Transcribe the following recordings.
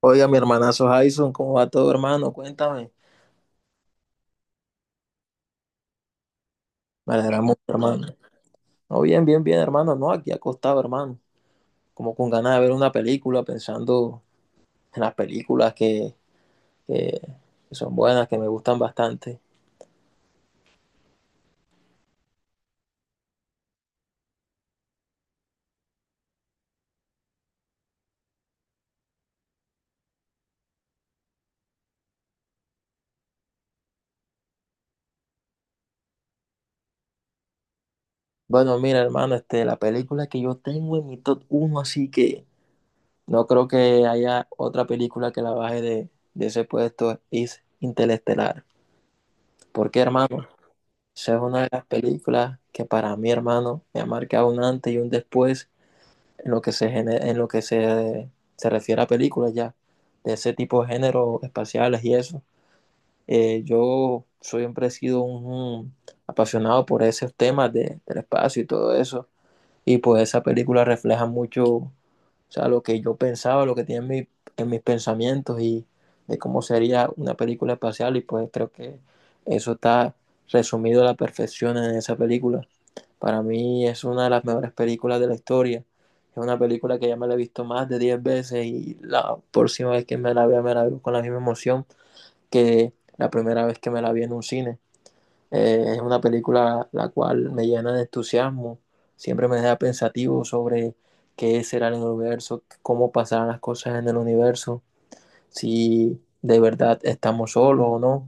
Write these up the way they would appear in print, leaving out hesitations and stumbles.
Oiga, mi hermanazo Jason, ¿cómo va todo, hermano? Cuéntame. Me alegra mucho, hermano. No, bien, bien, bien, hermano. No, aquí acostado, hermano. Como con ganas de ver una película, pensando en las películas que son buenas, que me gustan bastante. Bueno, mira, hermano, la película que yo tengo en mi top uno, así que no creo que haya otra película que la baje de ese puesto, es Interestelar. ¿Por qué, hermano? Esa es una de las películas que para mí, hermano, me ha marcado un antes y un después en lo que se refiere a películas ya, de ese tipo de géneros espaciales y eso. Yo siempre he sido un apasionado por esos temas del espacio y todo eso. Y pues esa película refleja mucho, o sea, lo que yo pensaba, lo que tenía en mis pensamientos y de cómo sería una película espacial. Y pues creo que eso está resumido a la perfección en esa película. Para mí es una de las mejores películas de la historia. Es una película que ya me la he visto más de 10 veces y la próxima vez que me la vea me la veo con la misma emoción que la primera vez que me la vi en un cine. Es una película la cual me llena de entusiasmo, siempre me deja pensativo sobre qué será el universo, cómo pasarán las cosas en el universo, si de verdad estamos solos o no.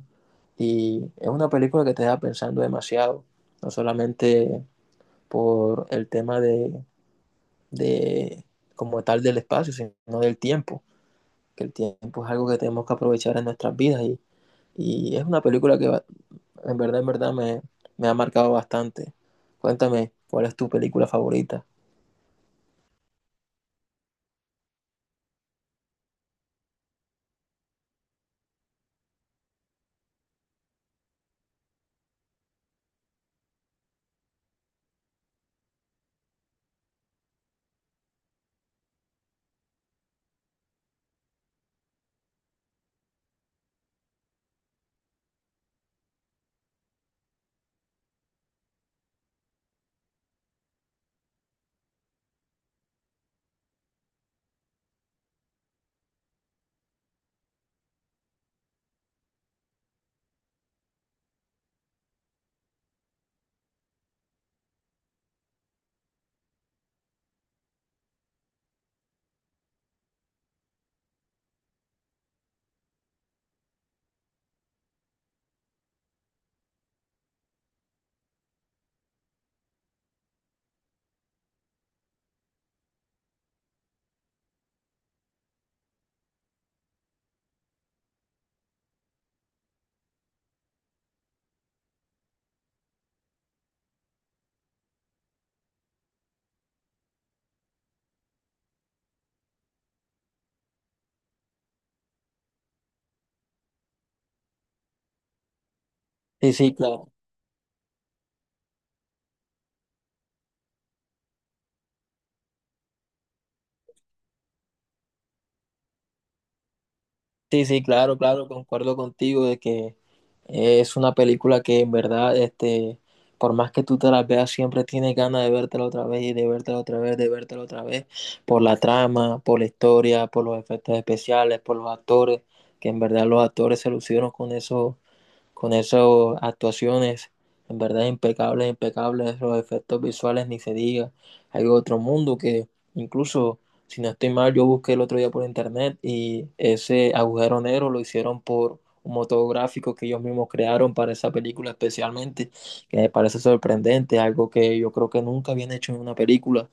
Y es una película que te deja pensando demasiado, no solamente por el tema de como tal del espacio, sino del tiempo, que el tiempo es algo que tenemos que aprovechar en nuestras vidas, y es una película que va, en verdad me ha marcado bastante. Cuéntame, ¿cuál es tu película favorita? Sí, sí, claro. Sí, sí, claro, claro, concuerdo contigo de que es una película que en verdad, por más que tú te la veas, siempre tienes ganas de vértela otra vez y de vértela otra vez, de vértela otra vez, por la trama, por la historia, por los efectos especiales, por los actores, que en verdad los actores se lucieron con eso, con esas actuaciones en verdad impecables, impecables, los efectos visuales ni se diga. Hay otro mundo que incluso, si no estoy mal, yo busqué el otro día por internet y ese agujero negro lo hicieron por un motográfico que ellos mismos crearon para esa película especialmente, que me parece sorprendente, algo que yo creo que nunca habían hecho en una película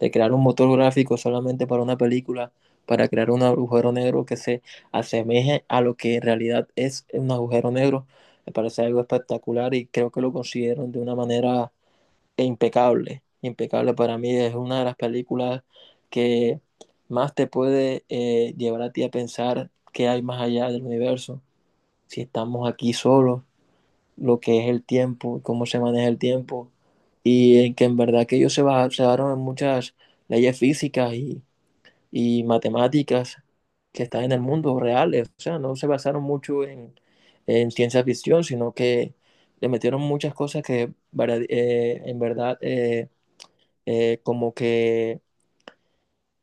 de crear un motor gráfico solamente para una película, para crear un agujero negro que se asemeje a lo que en realidad es un agujero negro, me parece algo espectacular y creo que lo consiguieron de una manera impecable. Impecable, para mí es una de las películas que más te puede llevar a ti a pensar qué hay más allá del universo, si estamos aquí solos, lo que es el tiempo, cómo se maneja el tiempo, y en que en verdad que ellos se basaron en muchas leyes físicas y matemáticas que están en el mundo reales, o sea, no se basaron mucho en ciencia ficción, sino que le metieron muchas cosas que en verdad como que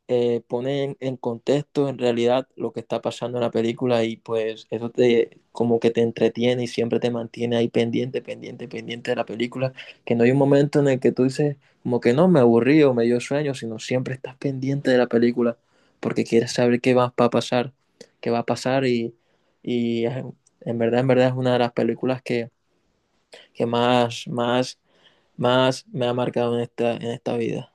pone en contexto en realidad lo que está pasando en la película y pues eso te como que te entretiene y siempre te mantiene ahí pendiente, pendiente, pendiente de la película, que no hay un momento en el que tú dices como que no, me aburrí o me dio sueño, sino siempre estás pendiente de la película porque quieres saber qué va a pasar, qué va a pasar y en verdad es una de las películas que más, más, más me ha marcado en esta vida.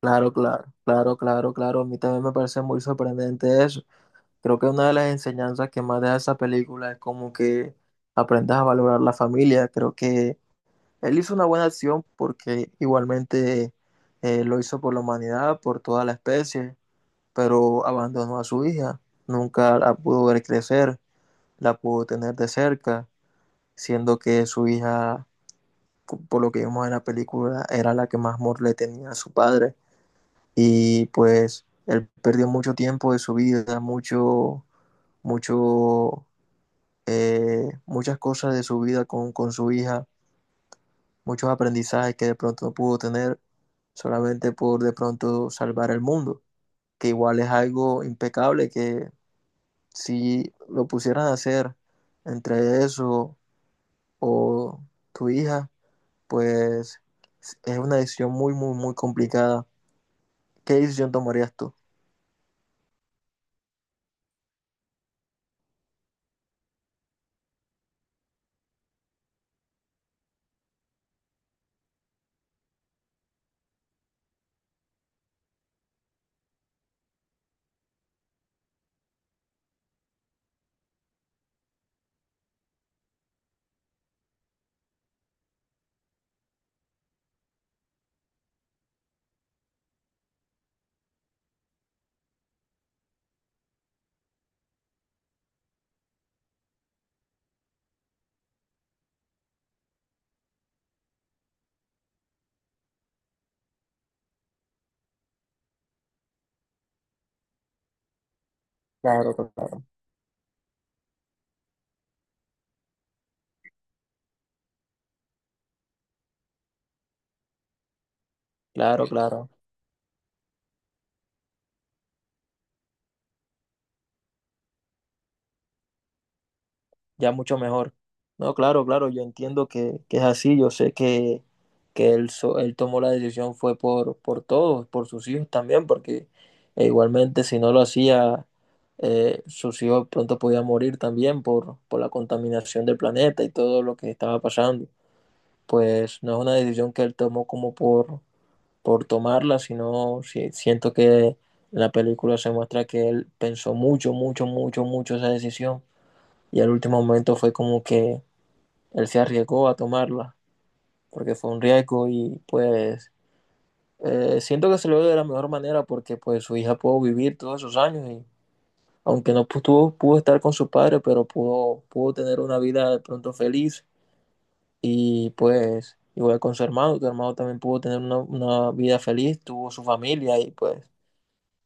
Claro, claro, claro, claro, claro. A mí también me parece muy sorprendente eso. Creo que una de las enseñanzas que más deja esa película es como que aprendas a valorar la familia. Creo que él hizo una buena acción porque igualmente lo hizo por la humanidad, por toda la especie, pero abandonó a su hija. Nunca la pudo ver crecer, la pudo tener de cerca, siendo que su hija, por lo que vimos en la película, era la que más amor le tenía a su padre. Y pues él perdió mucho tiempo de su vida, mucho, mucho, muchas cosas de su vida con su hija, muchos aprendizajes que de pronto no pudo tener solamente por de pronto salvar el mundo, que igual es algo impecable que si lo pusieran a hacer entre eso o tu hija, pues es una decisión muy, muy, muy complicada. ¿Qué decisión tomarías tú? Claro, claro. Claro, claro. Ya mucho mejor. No, claro, claro, yo entiendo que es así, yo sé que él, él tomó la decisión fue por todos, por sus hijos también, porque igualmente si no lo hacía, sus hijos pronto podían morir también por la contaminación del planeta y todo lo que estaba pasando. Pues no es una decisión que él tomó como por tomarla, sino siento que en la película se muestra que él pensó mucho, mucho, mucho, mucho esa decisión y al último momento fue como que él se arriesgó a tomarla, porque fue un riesgo y pues siento que se lo dio de la mejor manera porque pues su hija pudo vivir todos esos años y aunque no pudo, pudo estar con su padre, pero pudo tener una vida de pronto feliz y pues igual con su hermano, tu hermano también pudo tener una vida feliz, tuvo su familia y pues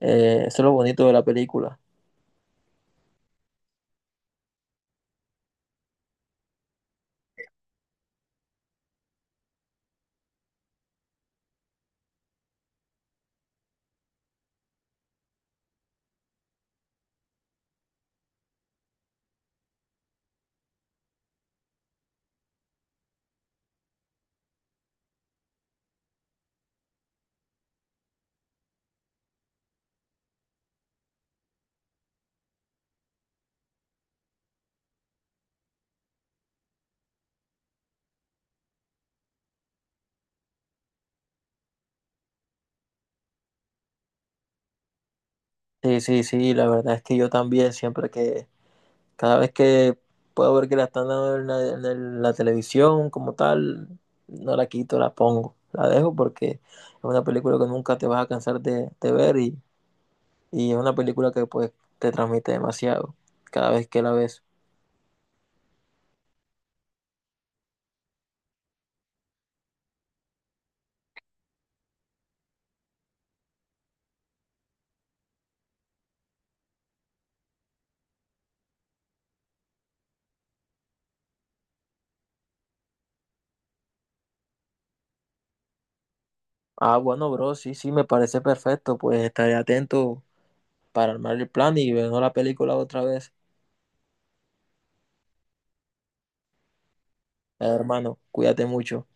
eso es lo bonito de la película. Sí, sí, sí, la verdad es que yo también siempre que Cada vez que puedo ver que la están dando en la televisión como tal, no la quito, la pongo. La dejo porque es una película que nunca te vas a cansar de ver, y es una película que pues te transmite demasiado cada vez que la ves. Ah, bueno, bro, sí, sí, me parece perfecto. Pues estaré atento para armar el plan y ver la película otra vez. Hermano, cuídate mucho.